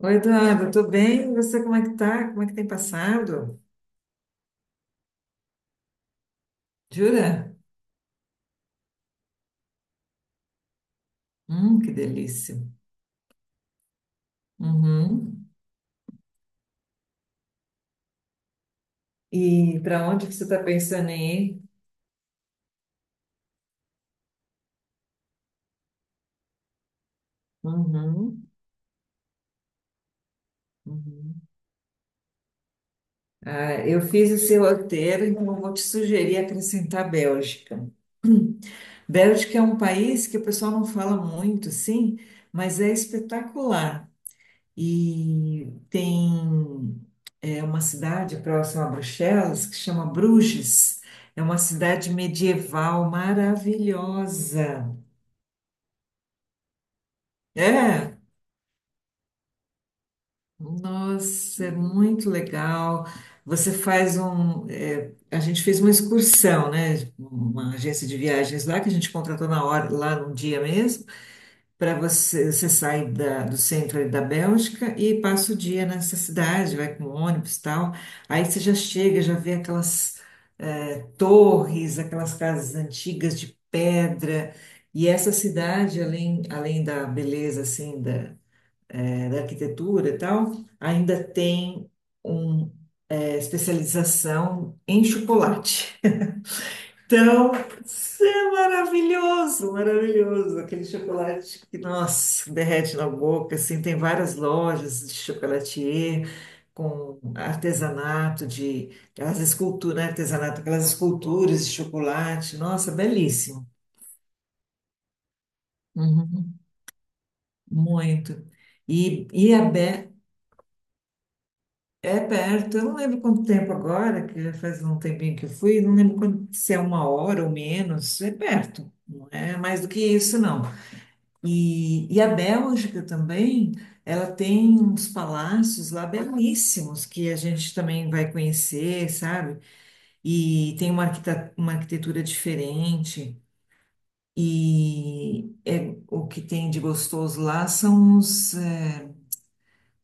Oi, Eduardo, tô bem? E você como é que tá? Como é que tem passado? Jura? Que delícia. Uhum. E para onde que você está pensando em ir? Uhum. Uhum. Ah, eu fiz o seu roteiro, então eu vou te sugerir acrescentar Bélgica. Bélgica é um país que o pessoal não fala muito, sim, mas é espetacular. E tem uma cidade próxima a Bruxelas que chama Bruges. É uma cidade medieval maravilhosa. É, nossa, é muito legal. Você faz um. É, A gente fez uma excursão, né? Uma agência de viagens lá que a gente contratou na hora, lá no dia mesmo. Para você, você sai do centro ali da Bélgica e passa o dia nessa cidade, vai com ônibus e tal. Aí você já chega, já vê aquelas torres, aquelas casas antigas de pedra. E essa cidade, além da beleza assim da arquitetura e tal, ainda tem uma especialização em chocolate. Então, isso é maravilhoso, maravilhoso. Aquele chocolate que, nossa, derrete na boca, assim, tem várias lojas de chocolatier com artesanato de, aquelas esculturas, né, artesanato, aquelas esculturas de chocolate. Nossa, belíssimo. Uhum, muito. E, e é, be- É perto, eu não lembro quanto tempo agora, que já faz um tempinho que eu fui, não lembro se é uma hora ou menos, é perto. Não é mais do que isso, não. E a Bélgica também, ela tem uns palácios lá belíssimos que a gente também vai conhecer, sabe? E tem uma arquitetura diferente. O que tem de gostoso lá são os.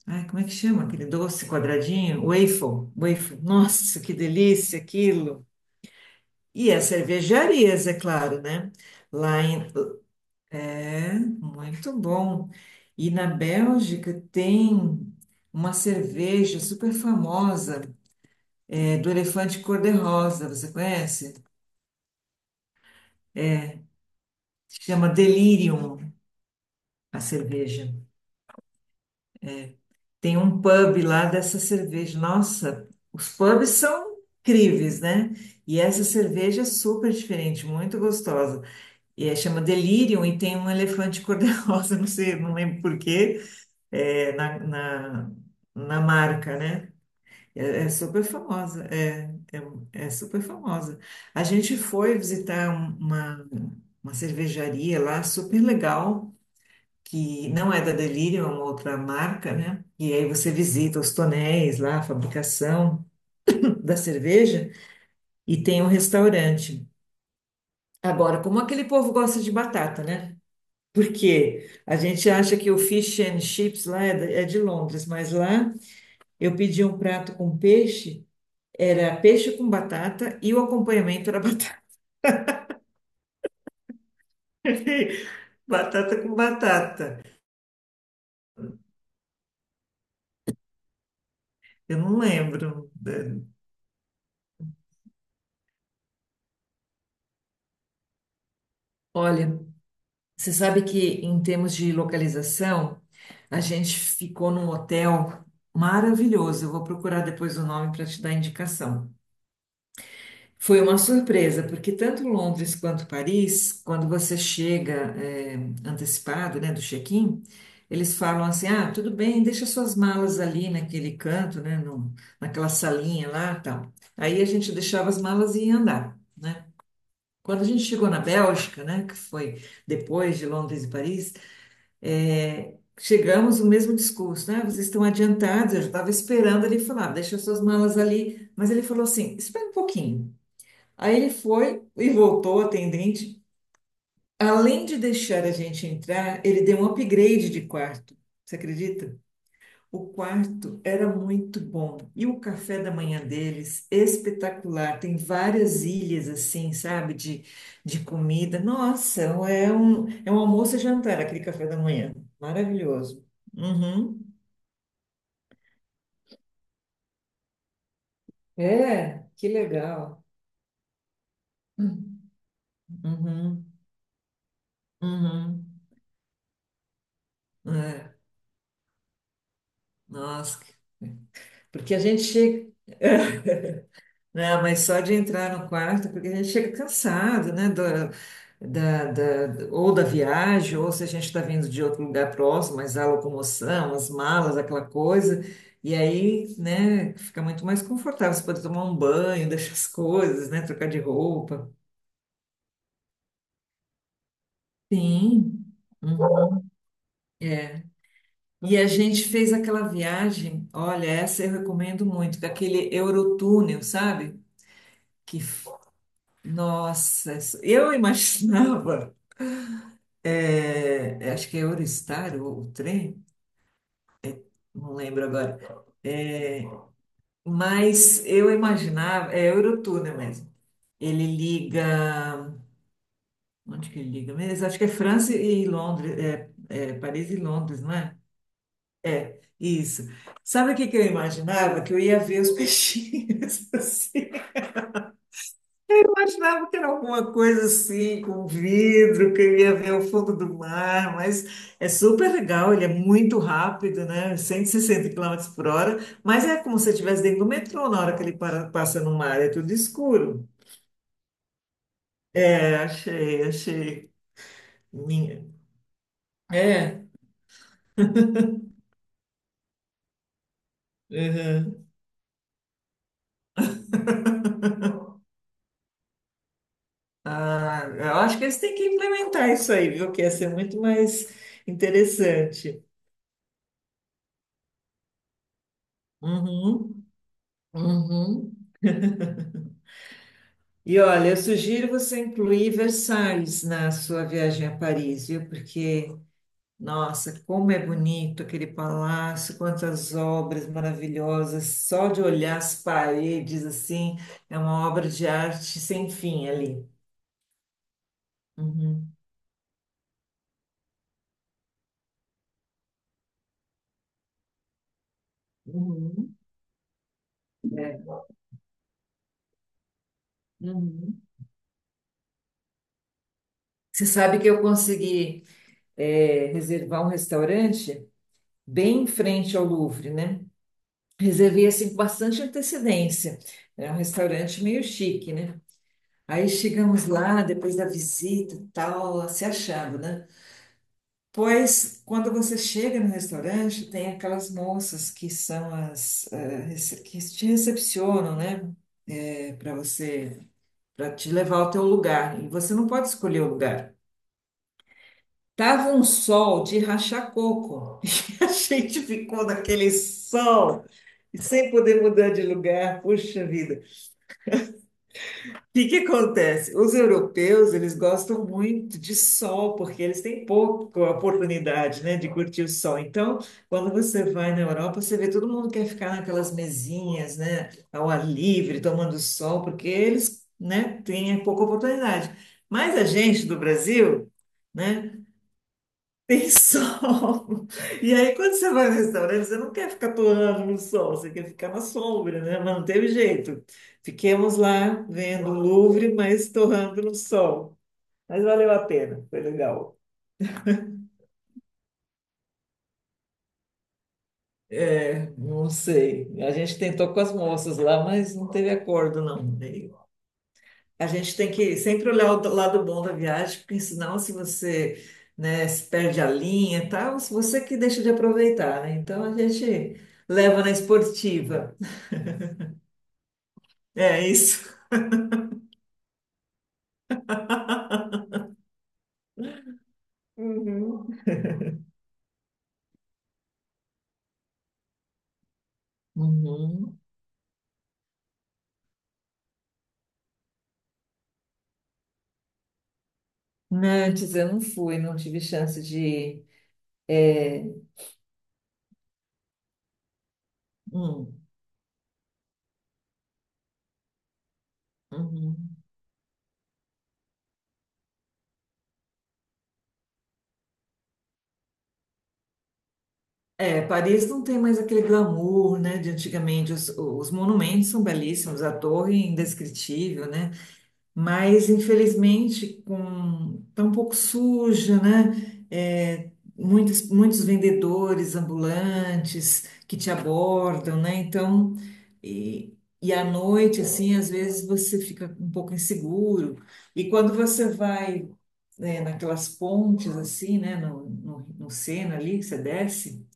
Ai, como é que chama aquele doce quadradinho? Waffle. Waffle. Nossa, que delícia aquilo! E as cervejarias, é claro, né? Lá em, É, muito bom. E na Bélgica tem uma cerveja super famosa, do elefante cor-de-rosa, você conhece? Se chama Delirium, a cerveja. Tem um pub lá dessa cerveja. Nossa, os pubs são incríveis, né? E essa cerveja é super diferente, muito gostosa. Chama Delirium e tem um elefante cor-de-rosa, não sei, não lembro por quê, é, na, na na marca, né? É super famosa, é super famosa. A gente foi visitar uma cervejaria lá super legal, que não é da Delirium, é uma outra marca, né? E aí você visita os tonéis lá, a fabricação da cerveja, e tem um restaurante. Agora, como aquele povo gosta de batata, né? Porque a gente acha que o fish and chips lá é de Londres, mas lá eu pedi um prato com peixe. Era peixe com batata e o acompanhamento era batata. Batata com batata. Eu não lembro. Olha, você sabe que em termos de localização, a gente ficou num hotel maravilhoso. Eu vou procurar depois o nome para te dar indicação. Foi uma surpresa, porque tanto Londres quanto Paris, quando você chega antecipado, né, do check-in, eles falam assim: ah, tudo bem, deixa suas malas ali naquele canto, né, naquela salinha lá, tal. Aí a gente deixava as malas e ia andar, né? Quando a gente chegou na Bélgica, né, que foi depois de Londres e Paris, chegamos o mesmo discurso, né? "Ah, vocês estão adiantados, eu já estava esperando ele falar, deixa suas malas ali, mas ele falou assim: espera um pouquinho. Aí ele foi e voltou, o atendente. Além de deixar a gente entrar, ele deu um upgrade de quarto. Você acredita? O quarto era muito bom. E o café da manhã deles, espetacular. Tem várias ilhas assim, sabe, de comida. Nossa, é um almoço e jantar aquele café da manhã. Maravilhoso. Uhum. É, que legal. Uhum, uhum. Uhum. É, nossa, porque a gente chega. Não, mas só de entrar no quarto, porque a gente chega cansado, né? Ou da viagem, ou se a gente está vindo de outro lugar próximo, mas a locomoção, as malas, aquela coisa. E aí, né, fica muito mais confortável. Você pode tomar um banho, deixar as coisas, né? Trocar de roupa. Sim. Uhum. É. E a gente fez aquela viagem, olha, essa eu recomendo muito, daquele Eurotúnel, sabe? Que, f- Nossa, eu imaginava. Acho que é Eurostar ou o trem, não lembro agora. É, mas eu imaginava, é Eurotúnel mesmo. Ele liga, onde que ele liga mesmo? Acho que é França e Londres, é Paris e Londres, não é? Isso. Sabe o que que eu imaginava? Que eu ia ver os peixinhos, assim. Eu achava que era alguma coisa assim, com um vidro, que eu ia ver o fundo do mar, mas é super legal, ele é muito rápido, né? 160 quilômetros por hora, mas é como se você estivesse dentro do metrô na hora que ele passa no mar, é tudo escuro. É, achei, achei. Minha. É. Uhum. Ah, eu acho que eles têm que implementar isso aí, viu? Que ia ser muito mais interessante. Uhum, uhum. E olha, eu sugiro você incluir Versalhes na sua viagem a Paris, viu? Porque, nossa, como é bonito aquele palácio, quantas obras maravilhosas, só de olhar as paredes, assim, é uma obra de arte sem fim ali. Uhum, uhum, uhum. Você sabe que eu consegui, reservar um restaurante bem em frente ao Louvre, né? Reservei assim com bastante antecedência. É um restaurante meio chique, né? Aí chegamos lá, depois da visita e tal, se achando, né? Pois, quando você chega no restaurante, tem aquelas moças que são as, que te recepcionam, né? Para você, para te levar ao teu lugar. E você não pode escolher o lugar. Tava um sol de rachar coco. E a gente ficou naquele sol, sem poder mudar de lugar. Puxa vida. O que que acontece? Os europeus, eles gostam muito de sol, porque eles têm pouca oportunidade, né, de curtir o sol. Então, quando você vai na Europa, você vê todo mundo quer ficar naquelas mesinhas, né, ao ar livre, tomando sol, porque eles, né, têm pouca oportunidade. Mas a gente do Brasil, né? Tem sol. E aí, quando você vai no restaurante, você não quer ficar torrando no sol, você quer ficar na sombra, né? Mas não teve jeito. Fiquemos lá vendo o Louvre, mas torrando no sol. Mas valeu a pena, foi legal. É, não sei. A gente tentou com as moças lá, mas não teve acordo, não. E a gente tem que sempre olhar o lado bom da viagem, porque senão, se você, né, se perde a linha e tal, se você que deixa de aproveitar, né? Então, a gente leva na esportiva. É isso. Uhum. Uhum. Nantes, eu não fui, não tive chance de ir. É, hum, uhum. É, Paris não tem mais aquele glamour, né, de antigamente. Os monumentos são belíssimos, a torre é indescritível, né? Mas infelizmente com tá um pouco suja, né? É, muitos, muitos vendedores ambulantes que te abordam, né? Então, e, e à noite, assim, às vezes você fica um pouco inseguro. E quando você vai, né, naquelas pontes, assim, né? No Sena ali, que você desce.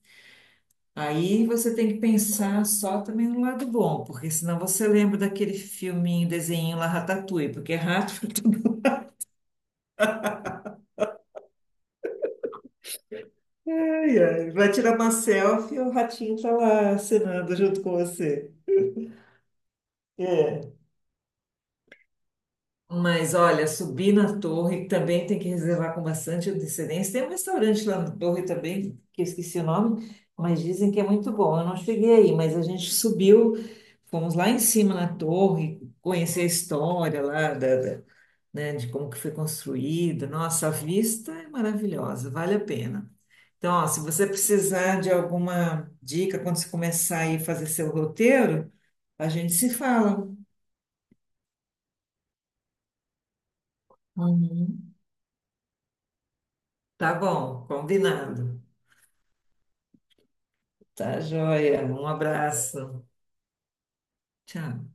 Aí você tem que pensar só também no lado bom, porque senão você lembra daquele filminho, desenho lá, Ratatouille, porque é rato. Ai, ai. Vai tirar uma selfie e o ratinho tá lá acenando junto com você. É. Mas olha, subir na torre também tem que reservar com bastante antecedência. Tem um restaurante lá na torre também, que eu esqueci o nome, mas dizem que é muito bom. Eu não cheguei aí, mas a gente subiu, fomos lá em cima na torre, conhecer a história lá da, né, de como que foi construído. Nossa, a vista é maravilhosa, vale a pena. Então, ó, se você precisar de alguma dica quando você começar aí a fazer seu roteiro, a gente se fala. Uhum. Tá bom, combinado. Tá joia. Um abraço. Tchau.